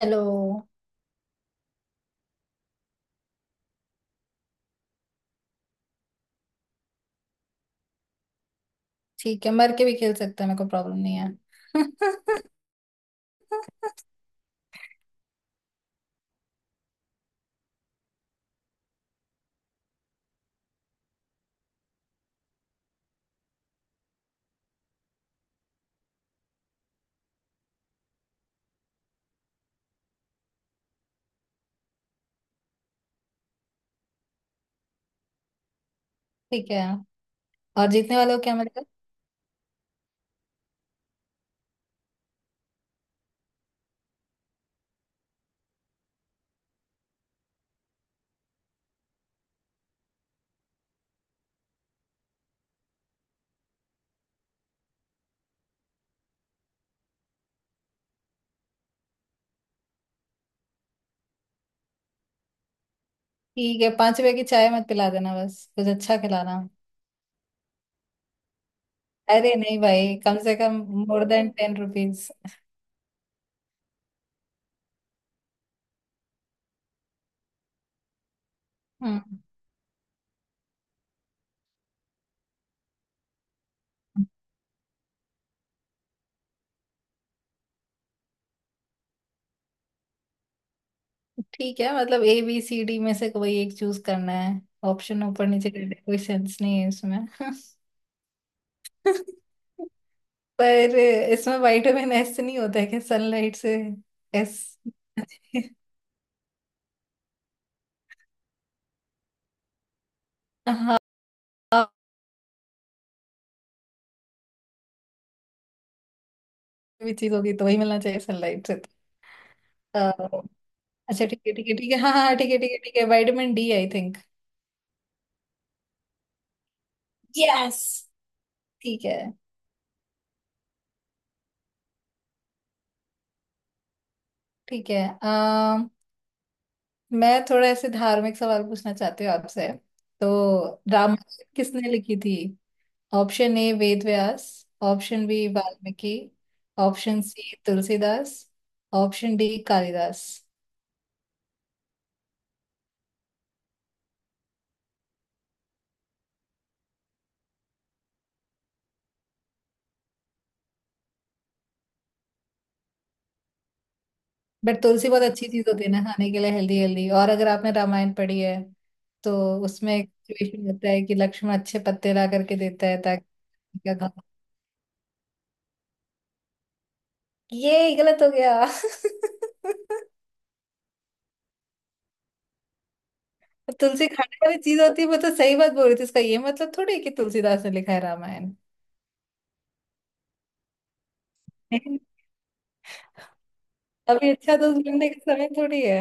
चलो। ठीक है, मर के भी खेल सकते हैं। मेरे को प्रॉब्लम नहीं है। ठीक है। और जीतने वाले हो क्या मेरे को? ठीक है, 5 रुपए की चाय मत पिला देना, बस कुछ अच्छा खिलाना। अरे नहीं भाई, कम से कम मोर देन 10 रुपीज। हम्म, ठीक है, मतलब ए बी सी डी में से कोई एक चूज करना है। ऑप्शन ऊपर नीचे करने का कोई सेंस नहीं है इसमें। पर इसमें वाइटामिन एस से नहीं होता है कि सनलाइट से? एस। हाँ, कोई भी चीज होगी तो वही मिलना चाहिए सनलाइट से। अ, अच्छा, ठीक है, ठीक है, ठीक है, हाँ हाँ, ठीक है, ठीक है, ठीक है, vitamin D I think. Yes. ठीक है, ठीक है। अ, मैं थोड़ा ऐसे धार्मिक सवाल पूछना चाहती हूँ आपसे। तो रामायण किसने लिखी थी? Option A Ved Vyas. Option B Valmiki. Option C Tulsidas. Option D Kalidas. But तुलसी बहुत अच्छी चीज होती है ना, खाने के लिए हेल्दी हेल्दी। और अगर आपने रामायण पढ़ी है तो उसमें एक सिचुएशन होता है कि लक्ष्मण अच्छे पत्ते ला करके देता है ताकि क्या खा। ये गलत हो गया। तुलसी खाने वाली चीज होती है, मैं तो सही बात बोल रही थी। इसका ये मतलब थोड़ी है कि तुलसीदास ने लिखा है रामायण। नहीं। अभी अच्छा दोस्त बनने का समय थोड़ी है।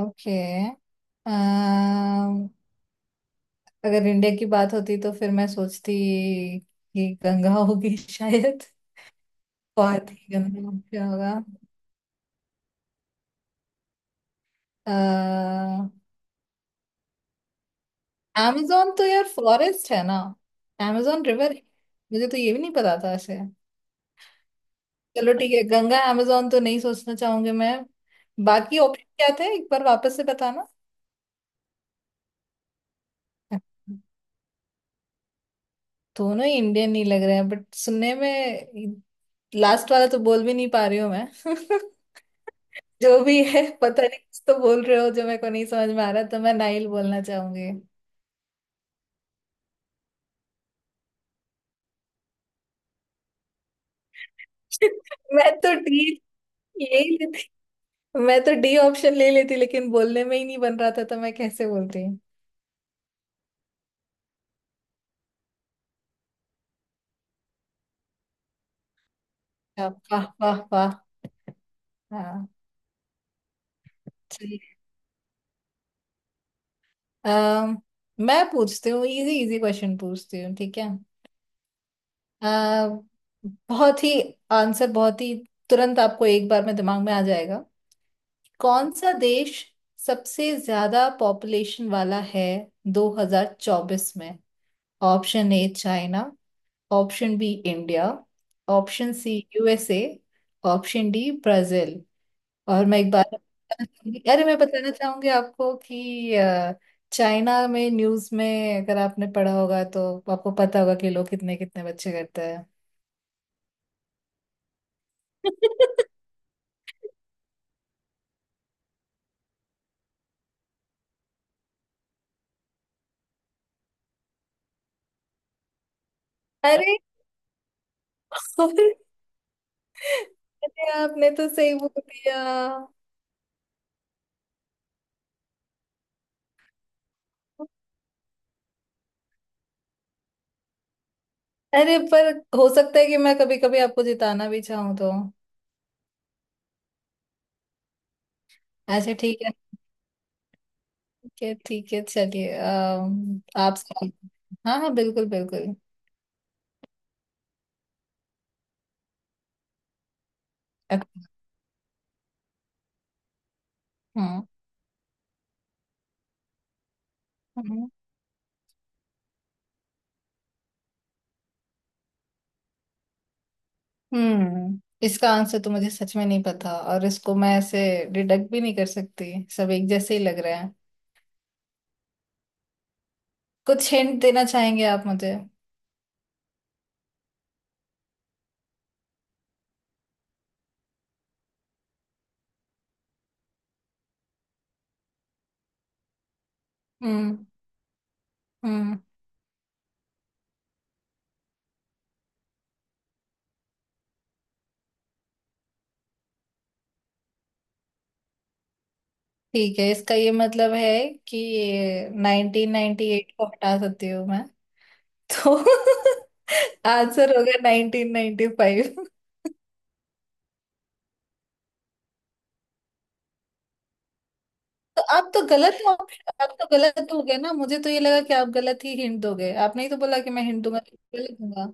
ओके। अगर इंडिया की बात होती तो फिर मैं सोचती कि गंगा होगी शायद। बहुत ही गंदा क्या होगा। amazon। तो यार फॉरेस्ट है ना। amazon रिवर है। मुझे तो ये भी नहीं पता था ऐसे। चलो ठीक है, गंगा amazon तो नहीं सोचना चाहूंगी मैं। बाकी ऑप्शन क्या थे, एक बार वापस से बताना? दोनों ही इंडियन नहीं लग रहे हैं बट सुनने में। लास्ट वाला तो बोल भी नहीं पा रही हूँ मैं। जो भी है पता नहीं, कुछ तो बोल रहे हो जो मेरे को नहीं समझ में आ रहा, तो मैं नाइल बोलना चाहूंगी। मैं तो ठीक। यही, मैं तो डी ऑप्शन ले लेती लेकिन बोलने में ही नहीं बन रहा था तो मैं कैसे बोलती। अच्छा, वाह वाह वाह। हाँ। चलिए, अम, मैं पूछती हूँ, इजी इजी क्वेश्चन पूछती हूँ, ठीक है? आ, बहुत ही आंसर, बहुत ही तुरंत आपको एक बार में दिमाग में आ जाएगा। कौन सा देश सबसे ज्यादा पॉपुलेशन वाला है 2024 में? Option A China. Option B India. Option C USA. Option D Brazil. और मैं एक बार। अरे, मैं बताना चाहूंगी आपको कि चाइना में न्यूज़ में अगर आपने पढ़ा होगा तो आपको पता होगा कि लोग कितने कितने बच्चे करते हैं। अरे और- अरे, आपने तो सही बोल दिया। अरे पर हो सकता है कि मैं कभी कभी आपको जिताना भी चाहूँ तो। अच्छा, ठीक है, ठीक है, ठीक है, चलिए। आप सवाल- हाँ हाँ, बिल्कुल बिल्कुल। अ- हाँ हाँ। हम्म इसका आंसर तो मुझे सच में नहीं पता और इसको मैं ऐसे डिडक्ट भी नहीं कर सकती, सब एक जैसे ही लग रहे हैं। कुछ हिंट देना चाहेंगे आप मुझे? हम्म हम्म। ठीक है, इसका ये मतलब है कि 1998 को हटा सकती हूँ मैं। तो आंसर होगा 1995। तो आप तो गलत हो, आप तो गलत हो गए ना। मुझे तो ये लगा कि आप गलत ही हिंट दोगे। आपने ही तो बोला कि मैं हिंट दूंगा तो गलत दूंगा।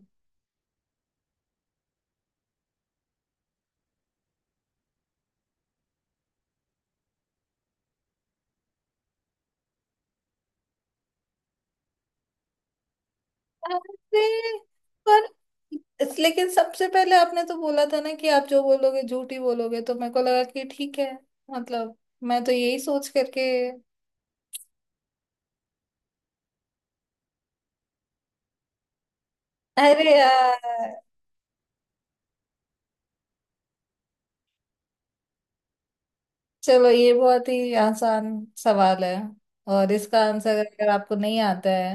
अरे पर लेकिन सबसे पहले आपने तो बोला था ना कि आप जो बोलोगे झूठ ही बोलोगे, तो मेरे को लगा कि ठीक है। मतलब मैं तो यही सोच करके। अरे यार। चलो, ये बहुत ही आसान सवाल है। और इसका आंसर अगर आपको नहीं आता है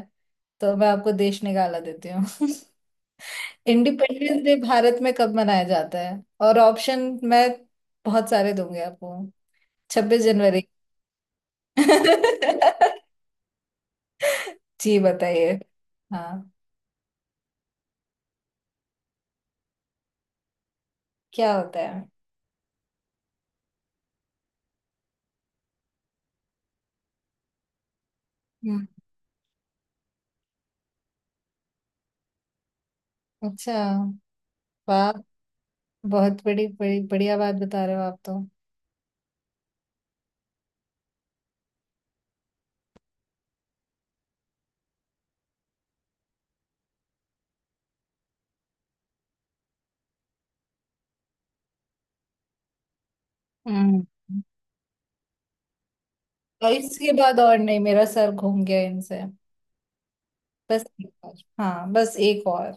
तो मैं आपको देश निकाला देती हूँ। इंडिपेंडेंस डे भारत में कब मनाया जाता है? और ऑप्शन मैं बहुत सारे दूंगी आपको। 26 जनवरी। जी, बताइए। हाँ, क्या होता है? हम्म। अच्छा। वाह। बहुत बड़ी बड़ी बढ़िया बात बता रहे हो आप तो। हम्म। और इसके बाद और नहीं, मेरा सर घूम गया इनसे। बस एक और। हाँ, बस एक और।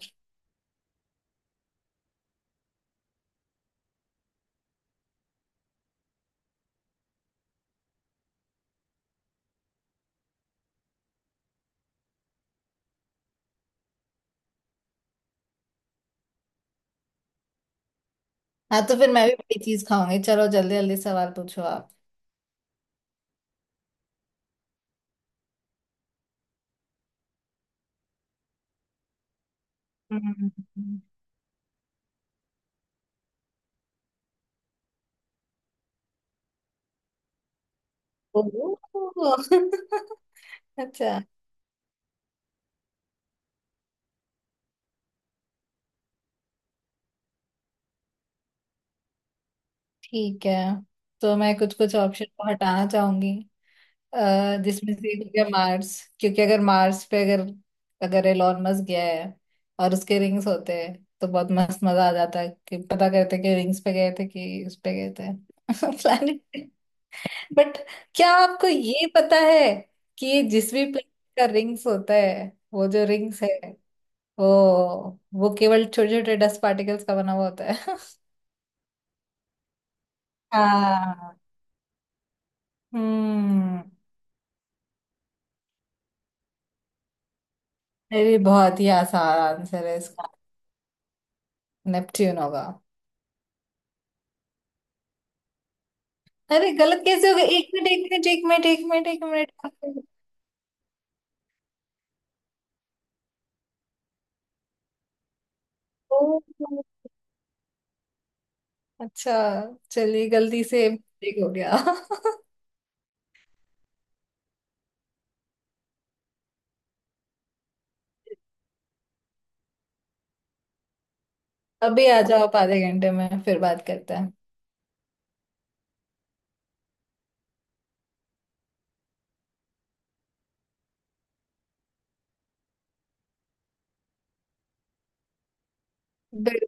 हाँ तो फिर मैं भी बड़ी चीज खाऊंगी, चलो जल्दी जल्दी सवाल पूछो आप। हम्म। ओह। अच्छा, ठीक है। तो मैं कुछ कुछ ऑप्शन को हटाना चाहूंगी। जिसमें से एक हो गया मार्स। क्योंकि अगर मार्स पे अगर अगर एलॉन मस्क गया है और उसके रिंग्स होते हैं, तो बहुत मस्त मजा आ जाता है कि पता करते कि रिंग्स पे गए थे कि उस पे गए थे। प्लैनेट पे। बट क्या आपको ये पता है कि ये जिस भी प्लैनेट का रिंग्स होता है, वो जो रिंग्स है, वो वो केवल छोटे छोटे डस्ट पार्टिकल्स का बना हुआ होता है। हाँ। हम्म। अरे बहुत ही आसान आंसर है इसका। नेपच्यून होगा। अरे गलत कैसे हो गया? एक मिनट एक मिनट एक मिनट एक मिनट एक मिनट। ओ। अच्छा। चलिए, गलती से मिस्टेक हो गया। अभी आ जाओ आप, आधे घंटे में फिर बात करते हैं। बिल-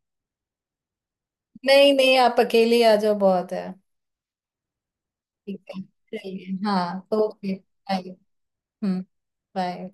नहीं नहीं, आप अकेले ही आ जाओ, बहुत है। ठीक है, चलिए। हाँ, ओके, बाय। हम्म। बाय।